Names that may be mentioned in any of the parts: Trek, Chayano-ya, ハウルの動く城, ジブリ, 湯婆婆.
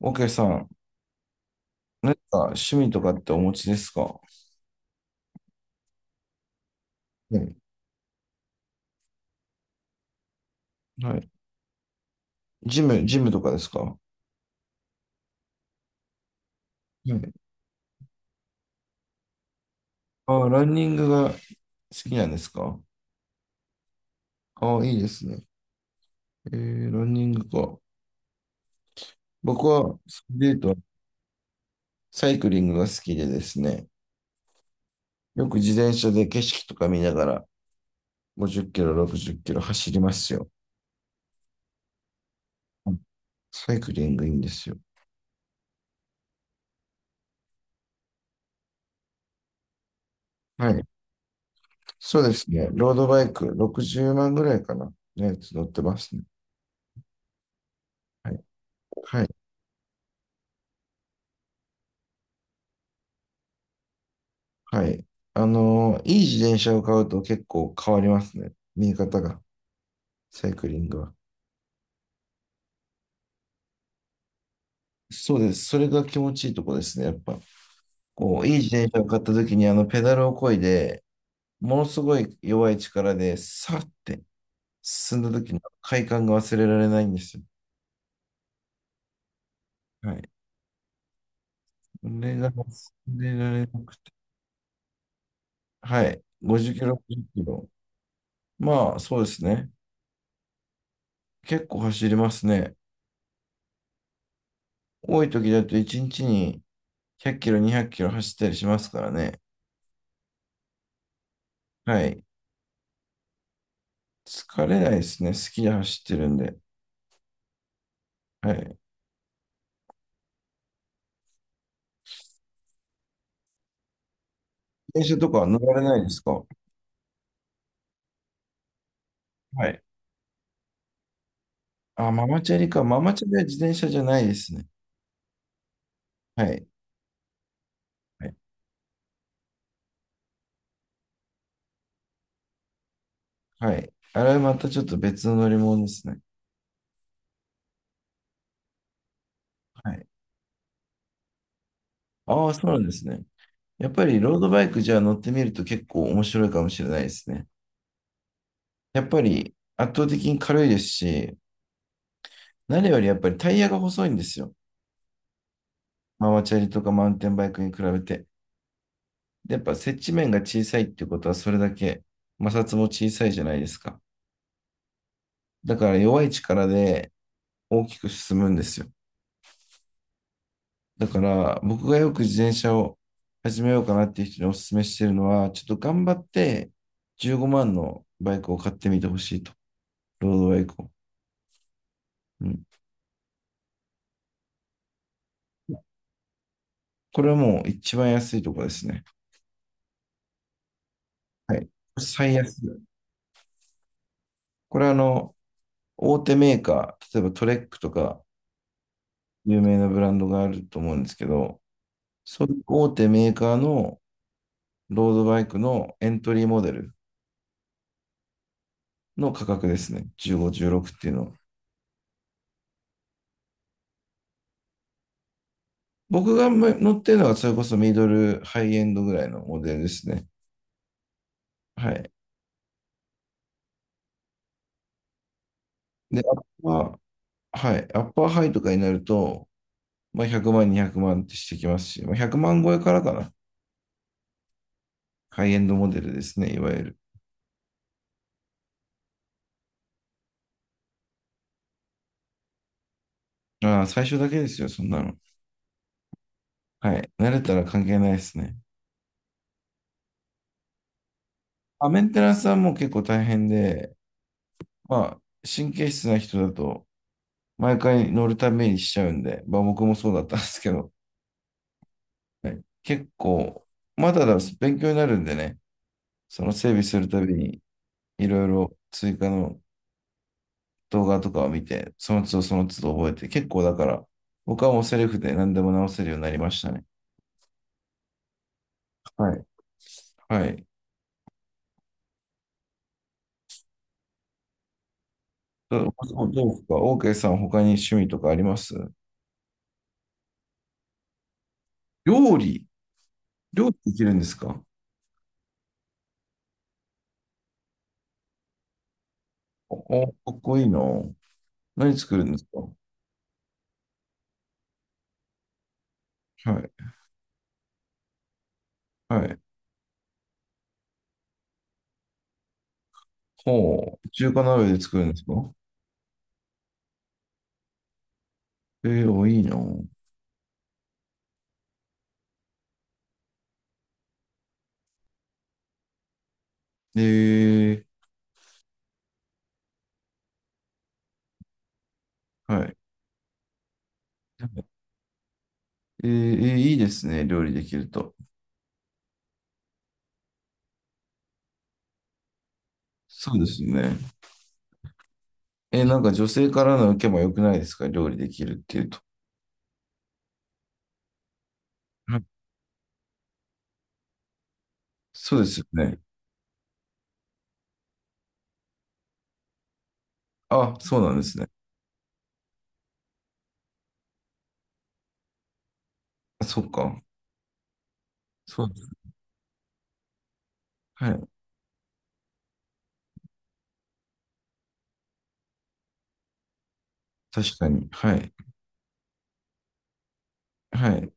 OK さん、何か趣味とかってお持ちですか？はい。はい。ジムとかですか？はい。あ、ランニングが好きなんですか？あ、いいですね。ランニングか。僕は、それで言うと、サイクリングが好きでですね、よく自転車で景色とか見ながら、50キロ、60キロ走りますよ。うん。サイクリングいいんですよ。はい。そうですね。ロードバイク、60万ぐらいかな。のやつ乗ってますね。はい。はい、はい。いい自転車を買うと結構変わりますね。見え方が、サイクリングは。そうです。それが気持ちいいとこですね。やっぱ、こう、いい自転車を買った時に、ペダルを漕いで、ものすごい弱い力で、さーって進んだ時の快感が忘れられないんですよ。はい。これが忘れられなくて。はい。50キロ、50キロ。まあ、そうですね。結構走りますね。多い時だと1日に100キロ、200キロ走ったりしますからね。はい。疲れないですね。好きで走ってるんで。はい。電車とかは乗られないですか？はい。あ、ママチャリか。ママチャリは自転車じゃないですね。はい。はい。はい。あれはまたちょっと別の乗り物ですね。はい。ああ、そうなんですね。やっぱりロードバイクじゃあ乗ってみると結構面白いかもしれないですね。やっぱり圧倒的に軽いですし、何よりやっぱりタイヤが細いんですよ。ママチャリとかマウンテンバイクに比べて。でやっぱ接地面が小さいっていうことはそれだけ摩擦も小さいじゃないですか。だから弱い力で大きく進むんですよ。だから僕がよく自転車を始めようかなっていう人にお勧めしてるのは、ちょっと頑張って15万のバイクを買ってみてほしいと。ロードバイクを。うん。これはもう一番安いとこですね。はい。最安。これは大手メーカー、例えばトレックとか有名なブランドがあると思うんですけど、そういう大手メーカーのロードバイクのエントリーモデルの価格ですね。15、16っていうのは。僕が乗ってるのがそれこそミドル、ハイエンドぐらいのモデルですね。はい。で、アッパー、はい。アッパーハイとかになると、まあ、100万、200万ってしてきますし、まあ、100万超えからかな。ハイエンドモデルですね、いわゆる。ああ、最初だけですよ、そんなの。はい。慣れたら関係ないですね。まあ、メンテナンスはもう結構大変で、まあ、神経質な人だと、毎回乗るためにしちゃうんで、まあ僕もそうだったんですけど、はい、結構、まだだ、勉強になるんでね、その整備するたびに、いろいろ追加の動画とかを見て、その都度その都度覚えて、結構だから、僕はもうセルフで何でも直せるようになりましたね。はい。はい。どうですか？ OK さん、他に趣味とかあります？料理。料理できるんですか？お、おかっこいいな。何作るんですか？はい。はい。ほう。中華鍋で作るんですか？あ、いいな。えー、はい。えー、いいですね、料理できると。そうですね。なんか女性からの受けも良くないですか、料理できるっていうと？はい。そうですよね。あ、そうなんですね。あそっか。そうです。はい。確かに。はい。はい。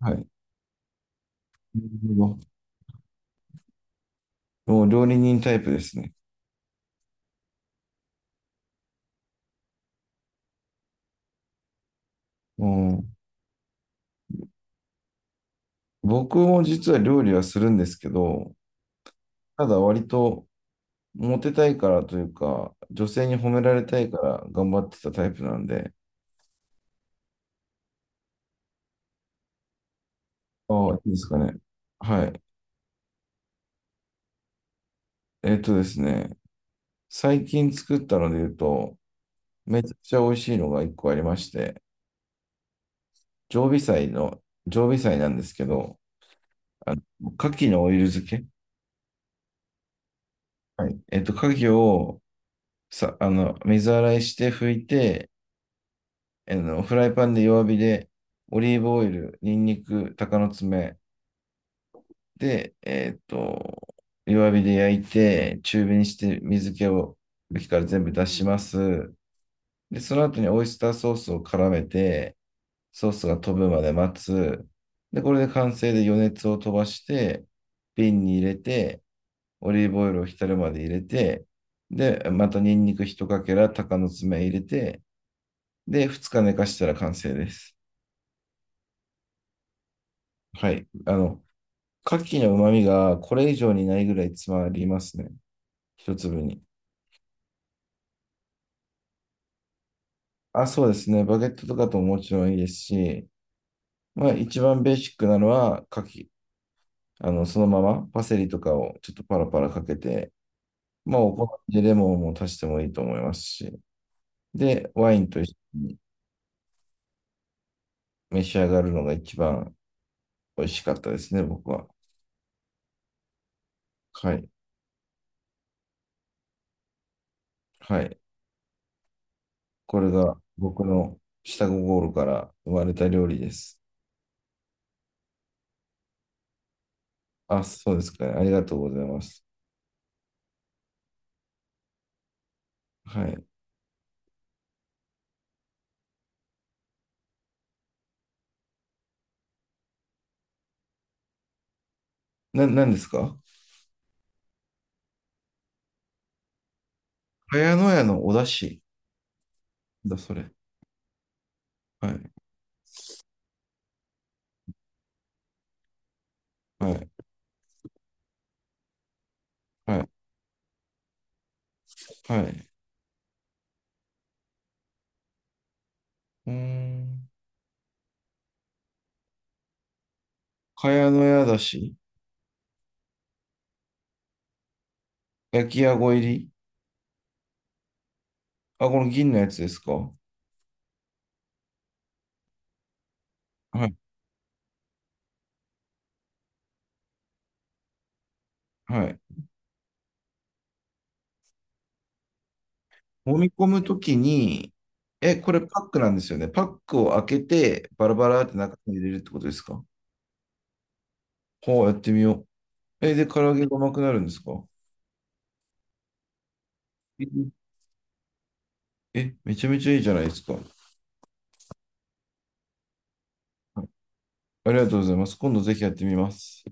はい。なるほど。もう料理人タイプですね。うん。僕も実は料理はするんですけど、ただ割とモテたいからというか、女性に褒められたいから頑張ってたタイプなんで、ああ、いいですかね。はい。えっとですね、最近作ったので言うと、めちゃくちゃ美味しいのが一個ありまして、常備菜の、常備菜なんですけど、あの、牡蠣のオイル漬け。はい。牡蠣をさ、あの、水洗いして拭いて、フライパンで弱火で、オリーブオイル、ニンニク、鷹の爪で、弱火で焼いて、中火にして水気を、茎から全部出します。で、その後にオイスターソースを絡めて、ソースが飛ぶまで待つ。で、これで完成で余熱を飛ばして、瓶に入れて、オリーブオイルを浸るまで入れて、で、またニンニク一かけら、鷹の爪入れて、で、二日寝かしたら完成です。はい。牡蠣の旨味がこれ以上にないぐらい詰まりますね。一粒に。あ、そうですね。バゲットとかとももちろんいいですし、まあ一番ベーシックなのは牡蠣、そのままパセリとかをちょっとパラパラかけて、まあ、お好みでレモンも足してもいいと思いますし、で、ワインと一緒に召し上がるのが一番美味しかったですね、僕は。はい。はい。これが僕の下心から生まれた料理です。あ、そうですかね。ありがとうございます。はい。何ですか？茅野屋のお出汁、だ、それ。はい。はい。はい。はい。うーん。茅野屋だし、焼きあご入り。あ、この銀のやつですか？はい。はい。揉み込むときに、え、これパックなんですよね？パックを開けて、バラバラって中に入れるってことですか？ほう、やってみよう。え、で、唐揚げが甘くなるんですか？えめちゃめちゃいいじゃないですか。はい。ありがとうございます。今度ぜひやってみます。